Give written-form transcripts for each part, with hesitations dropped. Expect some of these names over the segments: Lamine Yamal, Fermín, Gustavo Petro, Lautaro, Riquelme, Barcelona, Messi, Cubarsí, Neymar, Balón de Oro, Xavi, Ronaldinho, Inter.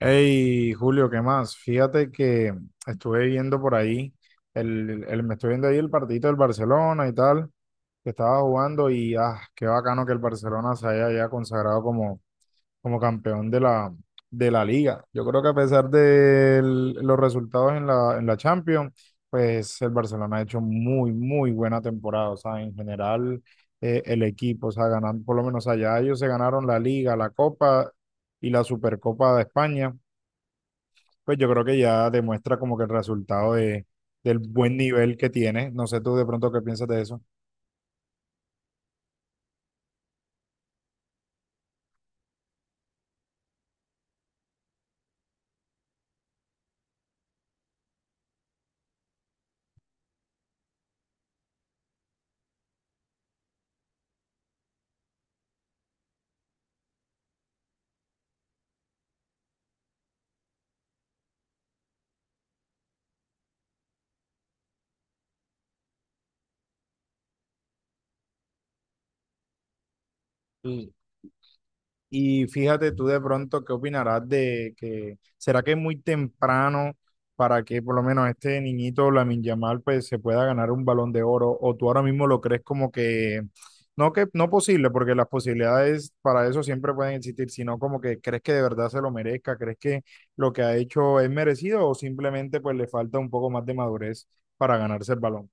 Hey, Julio, ¿qué más? Fíjate que estuve viendo por ahí, me estoy viendo ahí el partidito del Barcelona y tal, que estaba jugando y qué bacano que el Barcelona se haya ya consagrado como, como campeón de la liga. Yo creo que a pesar de los resultados en la Champions, pues el Barcelona ha hecho muy buena temporada. O sea, en general, el equipo, o sea, ganando, por lo menos allá ellos se ganaron la liga, la Copa y la Supercopa de España, pues yo creo que ya demuestra como que del buen nivel que tiene. No sé tú de pronto qué piensas de eso. Y fíjate tú de pronto qué opinarás de que será que es muy temprano para que por lo menos este niñito Lamine Yamal pues se pueda ganar un Balón de Oro, o tú ahora mismo lo crees como que no, que no posible, porque las posibilidades para eso siempre pueden existir, sino como que crees que de verdad se lo merezca, crees que lo que ha hecho es merecido o simplemente pues le falta un poco más de madurez para ganarse el balón.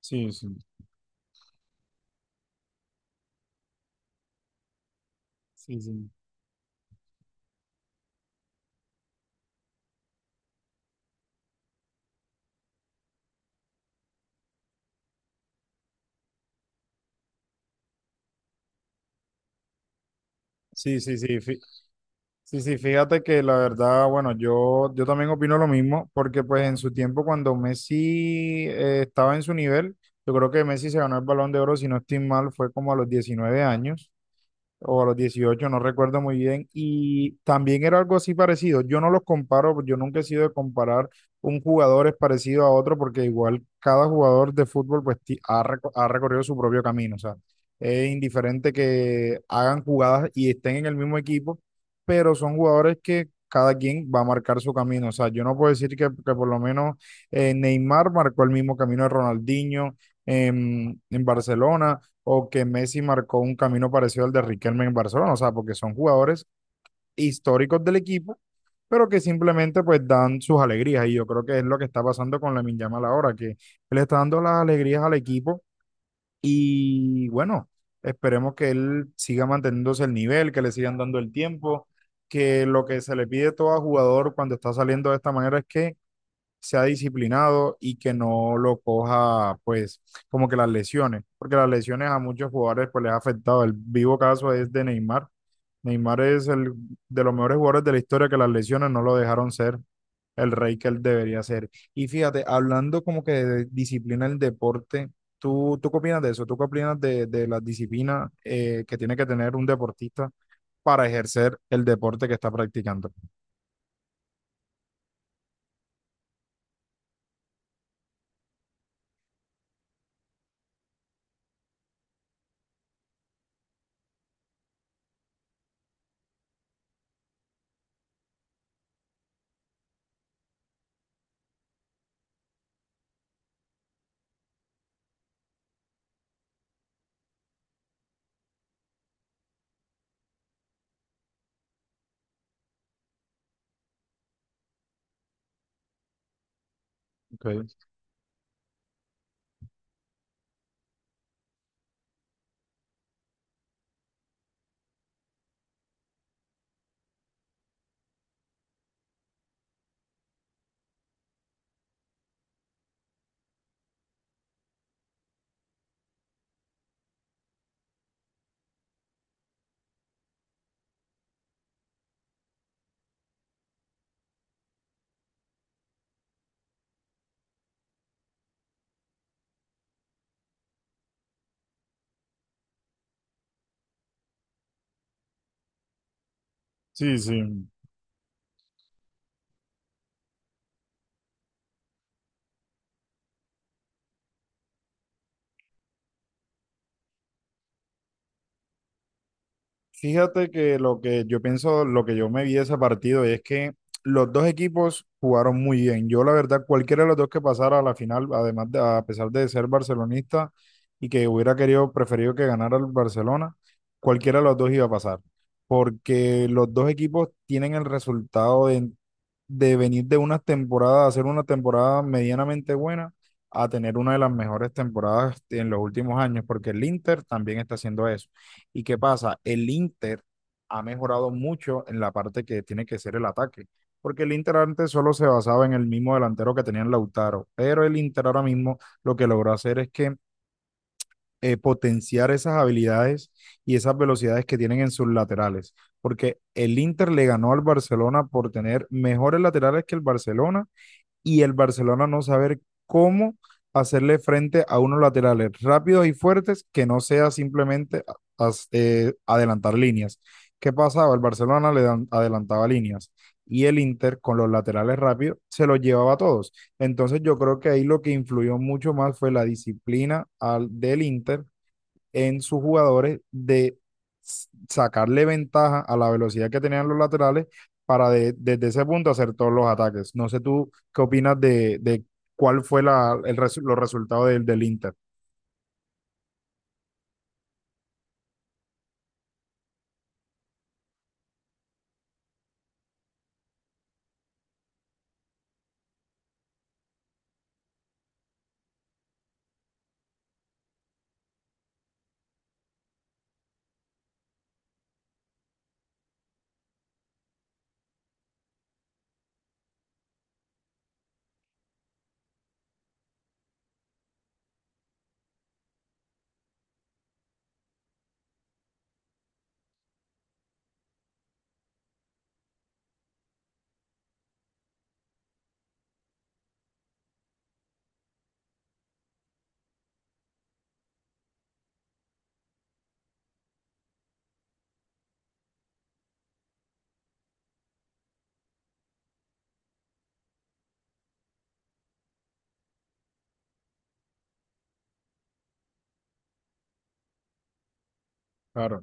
Sí, sí, sí, sí. Sí, sí, sí. Sí, sí, fíjate que la verdad, bueno, yo también opino lo mismo, porque pues en su tiempo cuando Messi estaba en su nivel, yo creo que Messi se ganó el Balón de Oro, si no estoy mal, fue como a los 19 años o a los 18, no recuerdo muy bien, y también era algo así parecido. Yo no los comparo, yo nunca he sido de comparar un jugador es parecido a otro, porque igual cada jugador de fútbol pues ha recorrido su propio camino, o sea, es indiferente que hagan jugadas y estén en el mismo equipo, pero son jugadores que cada quien va a marcar su camino. O sea, yo no puedo decir que por lo menos Neymar marcó el mismo camino de Ronaldinho en Barcelona, o que Messi marcó un camino parecido al de Riquelme en Barcelona. O sea, porque son jugadores históricos del equipo, pero que simplemente pues dan sus alegrías, y yo creo que es lo que está pasando con Lamine Yamal ahora, que él está dando las alegrías al equipo. Y bueno, esperemos que él siga manteniéndose el nivel, que le sigan dando el tiempo, que lo que se le pide todo a jugador cuando está saliendo de esta manera es que sea disciplinado y que no lo coja, pues, como que las lesiones, porque las lesiones a muchos jugadores pues les ha afectado. El vivo caso es de Neymar. Neymar es el de los mejores jugadores de la historia que las lesiones no lo dejaron ser el rey que él debería ser. Y fíjate, hablando como que de disciplina del deporte, tú qué opinas de eso? ¿Tú qué opinas de la disciplina que tiene que tener un deportista para ejercer el deporte que está practicando? Okay. Sí, sí. Fíjate que lo que yo pienso, lo que yo me vi de ese partido es que los dos equipos jugaron muy bien. Yo, la verdad, cualquiera de los dos que pasara a la final, además de, a pesar de ser barcelonista y que hubiera querido, preferido que ganara el Barcelona, cualquiera de los dos iba a pasar. Porque los dos equipos tienen de venir de una temporada, hacer una temporada medianamente buena, a tener una de las mejores temporadas en los últimos años, porque el Inter también está haciendo eso. ¿Y qué pasa? El Inter ha mejorado mucho en la parte que tiene que ser el ataque, porque el Inter antes solo se basaba en el mismo delantero que tenía en Lautaro, pero el Inter ahora mismo lo que logró hacer es que potenciar esas habilidades y esas velocidades que tienen en sus laterales, porque el Inter le ganó al Barcelona por tener mejores laterales que el Barcelona, y el Barcelona no saber cómo hacerle frente a unos laterales rápidos y fuertes que no sea simplemente adelantar líneas. ¿Qué pasaba? El Barcelona adelantaba líneas y el Inter con los laterales rápidos se los llevaba a todos. Entonces yo creo que ahí lo que influyó mucho más fue la disciplina del Inter en sus jugadores de sacarle ventaja a la velocidad que tenían los laterales para desde ese punto hacer todos los ataques. No sé tú qué opinas de cuál fue los resultados del Inter. Claro,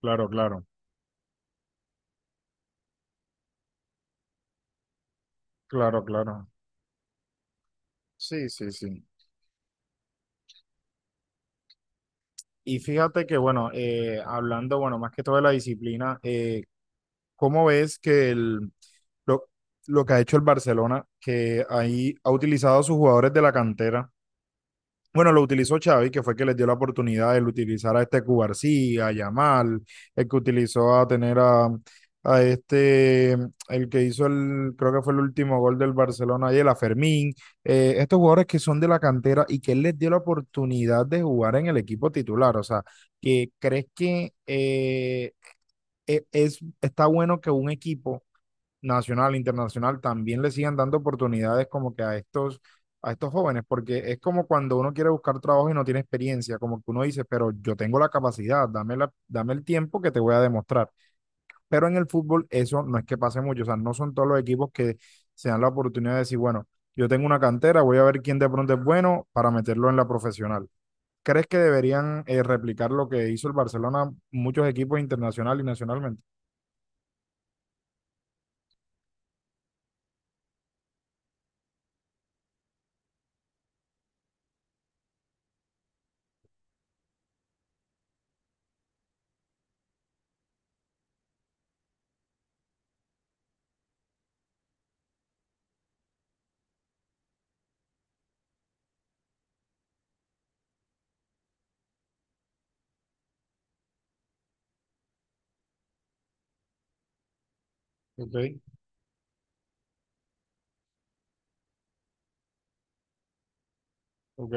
claro, claro, claro, claro. Sí, sí, sí. Y fíjate que, bueno, hablando, bueno, más que todo de la disciplina, ¿cómo ves que lo, lo que ha hecho el Barcelona, que ahí ha utilizado a sus jugadores de la cantera? Bueno, lo utilizó Xavi, que fue el que les dio la oportunidad de utilizar a este Cubarsí, a Yamal, el que utilizó a tener a el que hizo el, creo que fue el último gol del Barcelona ayer, a Fermín, estos jugadores que son de la cantera y que él les dio la oportunidad de jugar en el equipo titular. O sea, que crees que es, está bueno que un equipo nacional, internacional, también le sigan dando oportunidades como que a estos jóvenes, porque es como cuando uno quiere buscar trabajo y no tiene experiencia, como que uno dice, pero yo tengo la capacidad, dame el tiempo que te voy a demostrar. Pero en el fútbol eso no es que pase mucho, o sea, no son todos los equipos que se dan la oportunidad de decir, bueno, yo tengo una cantera, voy a ver quién de pronto es bueno para meterlo en la profesional. ¿Crees que deberían replicar lo que hizo el Barcelona muchos equipos internacional y nacionalmente? Ok, ok,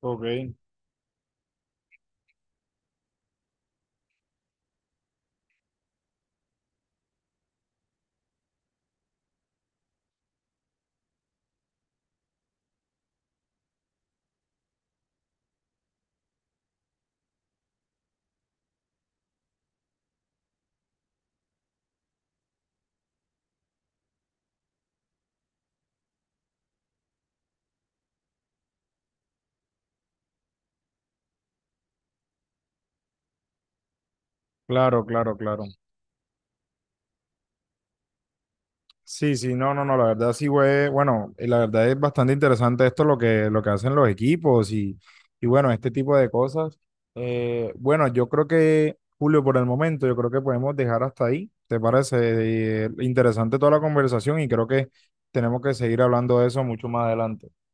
ok. Claro, claro, claro. Sí, sí, no, no, no, la verdad sí, güey, bueno, y la verdad es bastante interesante esto lo que hacen los equipos y bueno, este tipo de cosas. Bueno, yo creo que, Julio, por el momento, yo creo que podemos dejar hasta ahí, ¿te parece? Interesante toda la conversación y creo que tenemos que seguir hablando de eso mucho más adelante.